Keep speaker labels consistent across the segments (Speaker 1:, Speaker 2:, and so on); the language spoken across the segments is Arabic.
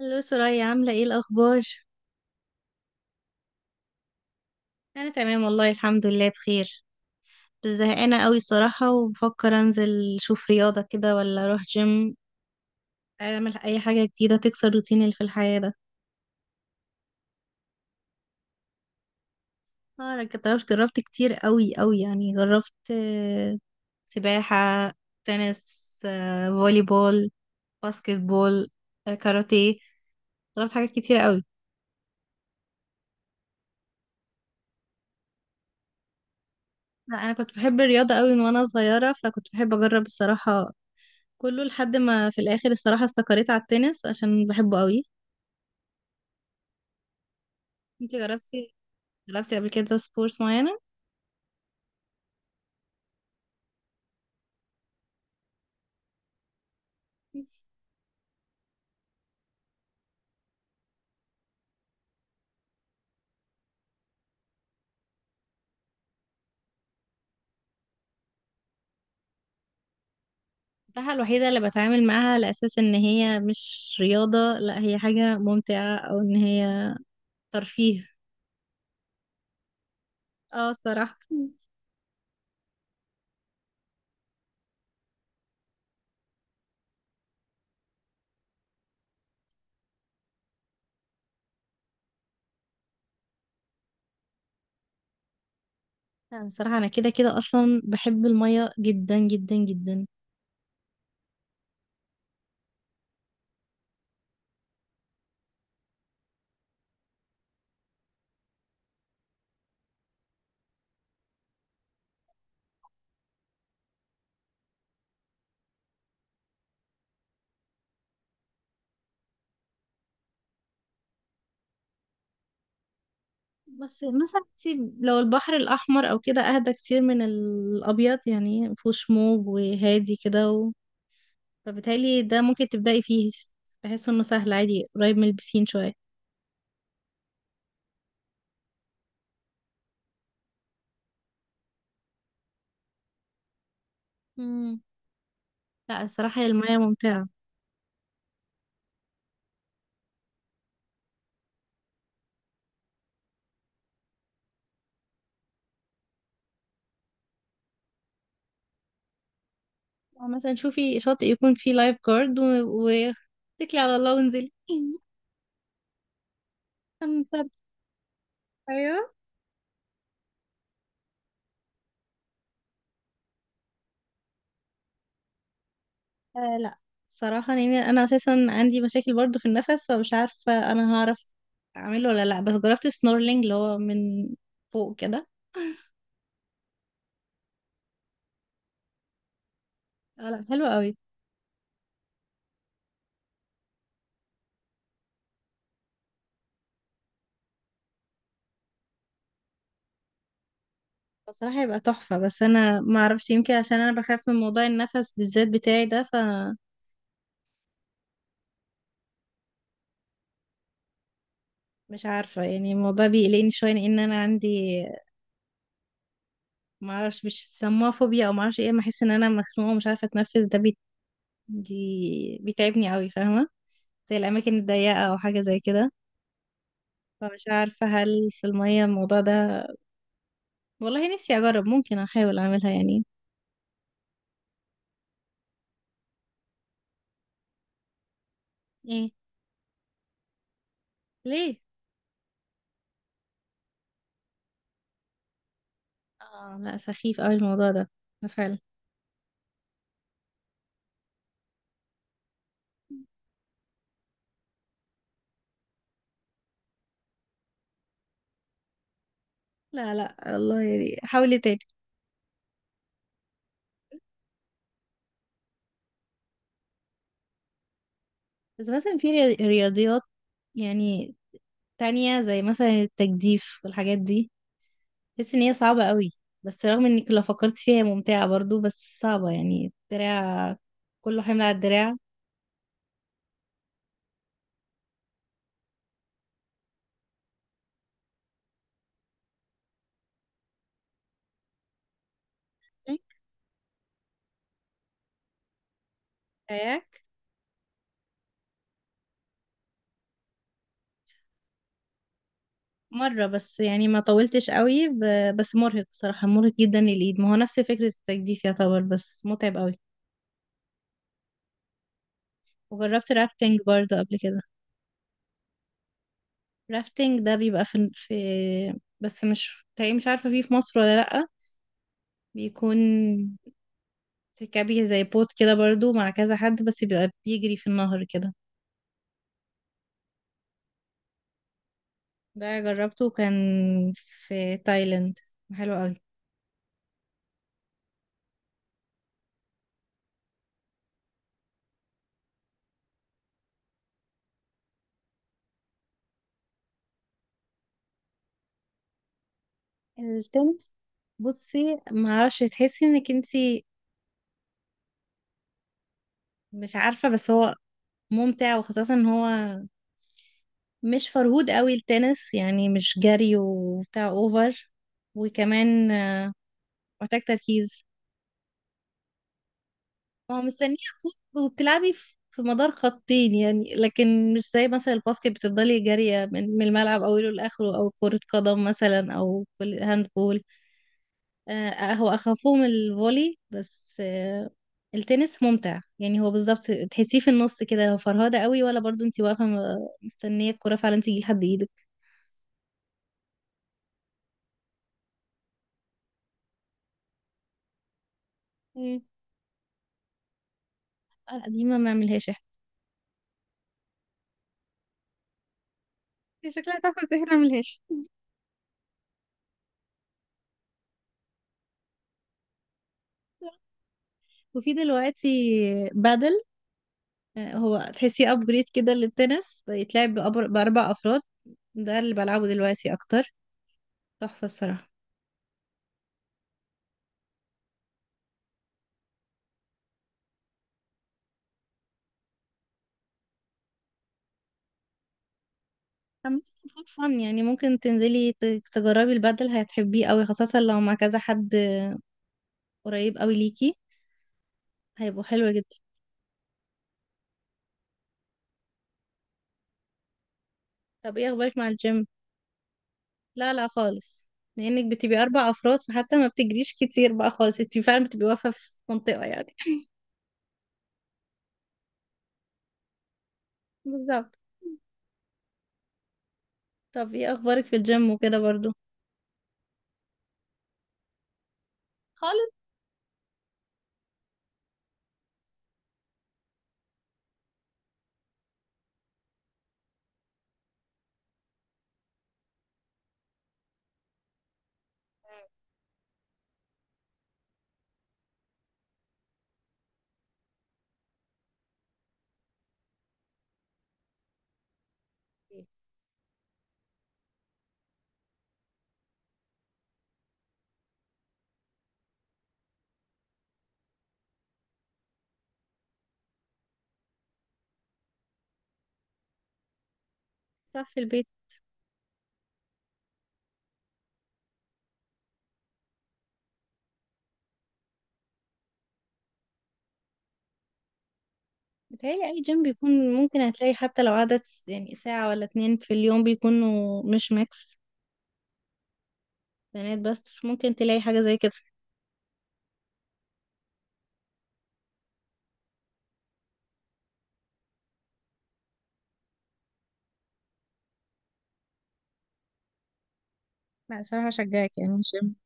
Speaker 1: الو سرايا، عاملة ايه الأخبار؟ أنا تمام، والله الحمد لله بخير. زهقانة قوي صراحة، وبفكر أنزل أشوف رياضة كده ولا أروح جيم، أعمل أي حاجة جديدة تكسر الروتين اللي في الحياة ده. اه أنا جربت كتير قوي قوي، يعني جربت سباحة، تنس، فولي بول، باسكت بول، كاراتيه. جربت حاجات كتير قوي. لا، أنا كنت بحب الرياضة قوي من وأنا صغيرة، فكنت بحب أجرب الصراحة كله، لحد ما في الاخر الصراحة استقريت على التنس عشان بحبه قوي. انتي جربتي، قبل كده سبورتس معينة؟ السباحة الوحيدة اللي بتعامل معاها على اساس ان هي مش رياضة، لا هي حاجة ممتعة، او ان هي ترفيه. اه الصراحة. يعني الصراحة انا كده كده اصلا بحب المية جدا جدا جدا. بس مثلا انتي لو البحر الاحمر او كده، اهدى كتير من الابيض، يعني مفهوش موج وهادي كده، فبالتالي ده ممكن تبدأي فيه. بحس انه سهل عادي، قريب من البسين شوية. امم. لا، الصراحة هي المية ممتعة. أو مثلا شوفي شاطئ يكون فيه لايف جارد و... اتكلي على الله وانزلي. انت. ايوه. آه لا، صراحة يعني أنا أساسا عندي مشاكل برضو في النفس، فمش عارفة أنا هعرف أعمله ولا لأ، بس جربت سنورلينج اللي هو من فوق كده. آه لا، حلو قوي. بصراحة يبقى تحفة، بس أنا ما أعرفش، يمكن عشان أنا بخاف من موضوع النفس بالذات بتاعي ده. مش عارفة يعني، الموضوع بيقلقني شوية، لأن أنا عندي، معرفش مش سموها فوبيا أو معرفش ايه، أما أحس إن أنا مخنوقة ومش عارفة أتنفس، دي... بيتعبني أوي، فاهمة؟ زي الأماكن الضيقة أو حاجة زي كده. فمش عارفة هل في المية الموضوع ده. والله نفسي أجرب، ممكن أحاول أعملها يعني. ايه؟ ليه؟ اه لا، سخيف أوي الموضوع ده فعلا. لا لا، الله يعني حاولي تاني. بس مثلا في رياضيات يعني تانية زي مثلا التجديف والحاجات دي، بحس ان هي صعبة قوي. بس رغم انك لو فكرت فيها هي ممتعة برضو، بس صعبة، يعني الدراع كله حمل على الدراع. كاياك. مرة بس، يعني ما طولتش قوي، بس مرهق صراحة، مرهق جدا للإيد، ما هو نفس فكرة التجديف يعتبر، بس متعب قوي. وجربت رافتنج برضه قبل كده. رافتنج ده بيبقى في، بس مش، تقريبا مش عارفة فيه في مصر ولا لأ. بيكون تركبي زي بوت كده برضه مع كذا حد، بس بيبقى بيجري في النهر كده. ده جربته كان في تايلاند، حلو قوي. التنس، بصي ما اعرفش، تحسي انك انتي مش عارفه، بس هو ممتع، وخاصه ان هو مش فرهود قوي التنس، يعني مش جري وبتاع اوفر، وكمان محتاج تركيز. هو مستنيه كورة، وبتلعبي في مدار خطين يعني، لكن مش زي مثلا الباسكت بتفضلي جارية من الملعب اوله لاخره، او كرة قدم مثلا، او كل هاند بول. آه، هو اخافهم الفولي بس. التنس ممتع يعني، هو بالظبط تحسيه في النص كده، لو فرهاده قوي ولا برضو انتي واقفه مستنيه الكره فعلا تيجي لحد ايدك. مم. آه، دي ما بنعملهاش احنا. هي شكلها تحفة، بس احنا ملهاش. وفي دلوقتي بادل، آه، هو تحسيه ابجريد كده للتنس، بيتلعب باربع افراد، ده اللي بلعبه دلوقتي اكتر، تحفه الصراحه. عامة فور فن يعني، ممكن تنزلي تجربي البادل، هتحبيه قوي خاصة لو مع كذا حد قريب قوي ليكي. هيبقوا حلوة جدا. طب ايه اخبارك مع الجيم؟ لا لا، خالص. لانك بتبقي اربع افراد، فحتى ما بتجريش كتير بقى خالص، انت فعلا بتبقي واقفة في منطقة يعني. بالظبط. طب ايه اخبارك في الجيم وكده برضو؟ خالص. صح، في البيت. بتهيألي اي جيم بيكون ممكن هتلاقي، حتى لو عدد، يعني ساعة ولا اتنين في اليوم بيكونوا مش ميكس، بنات بس، ممكن تلاقي حاجة زي كده. لا صراحة أشجعك، يعني الجيم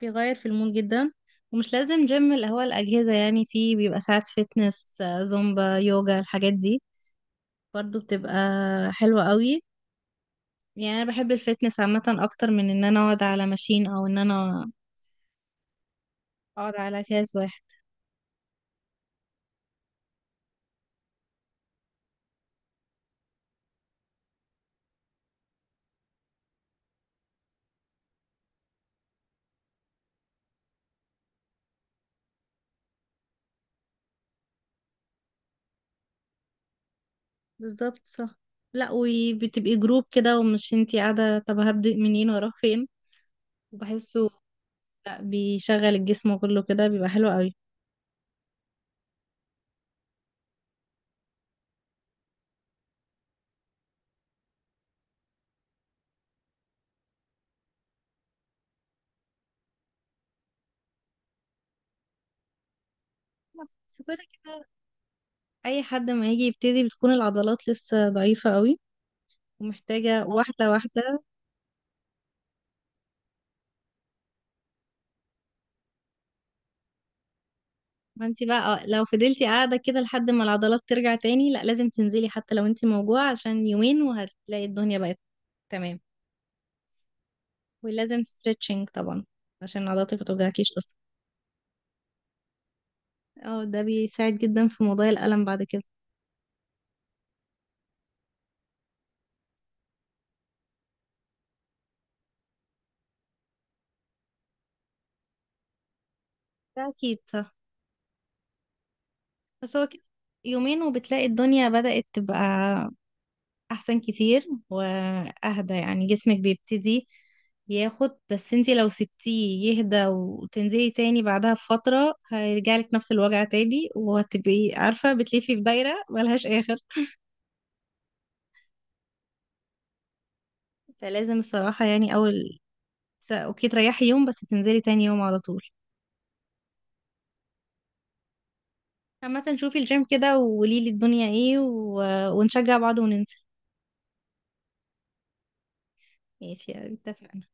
Speaker 1: بيغير في المود جدا، ومش لازم جيم اللي هو الأجهزة يعني، فيه بيبقى ساعات فتنس، زومبا، يوجا، الحاجات دي برضو بتبقى حلوة قوي. يعني أنا بحب الفتنس عامة أكتر من إن أنا أقعد على ماشين أو إن أنا أقعد على كاس واحد. بالظبط صح. لا وبتبقي جروب كده، ومش انتي قاعدة طب هبدأ منين واروح فين. وبحسه، لا، بيشغل الجسم كله كده، بيبقى حلو قوي. بس كده كده أي حد ما يجي يبتدي بتكون العضلات لسه ضعيفة قوي، ومحتاجة واحدة واحدة. ما انت بقى، اه، لو فضلتي قاعدة كده لحد ما العضلات ترجع تاني، لا لازم تنزلي حتى لو انت موجوعة، عشان يومين وهتلاقي الدنيا بقت تمام. ولازم ستريتشنج طبعا عشان عضلاتك ما توجعكيش اصلا. اه، ده بيساعد جدا في موضوع الألم بعد كده. ده أكيد صح. بس هو كده، يومين وبتلاقي الدنيا بدأت تبقى احسن كتير واهدى، يعني جسمك بيبتدي ياخد، بس انتي لو سبتيه يهدى وتنزلي تاني بعدها بفترة، هيرجعلك نفس الوجع تاني، وهتبقي عارفة بتلفي في دايرة ملهاش آخر. فلازم الصراحة يعني أول، اوكي تريحي يوم بس تنزلي تاني يوم على طول. عامة شوفي الجيم كده وقوليلي الدنيا ايه، ونشجع بعض وننزل. ماشي، اتفقنا.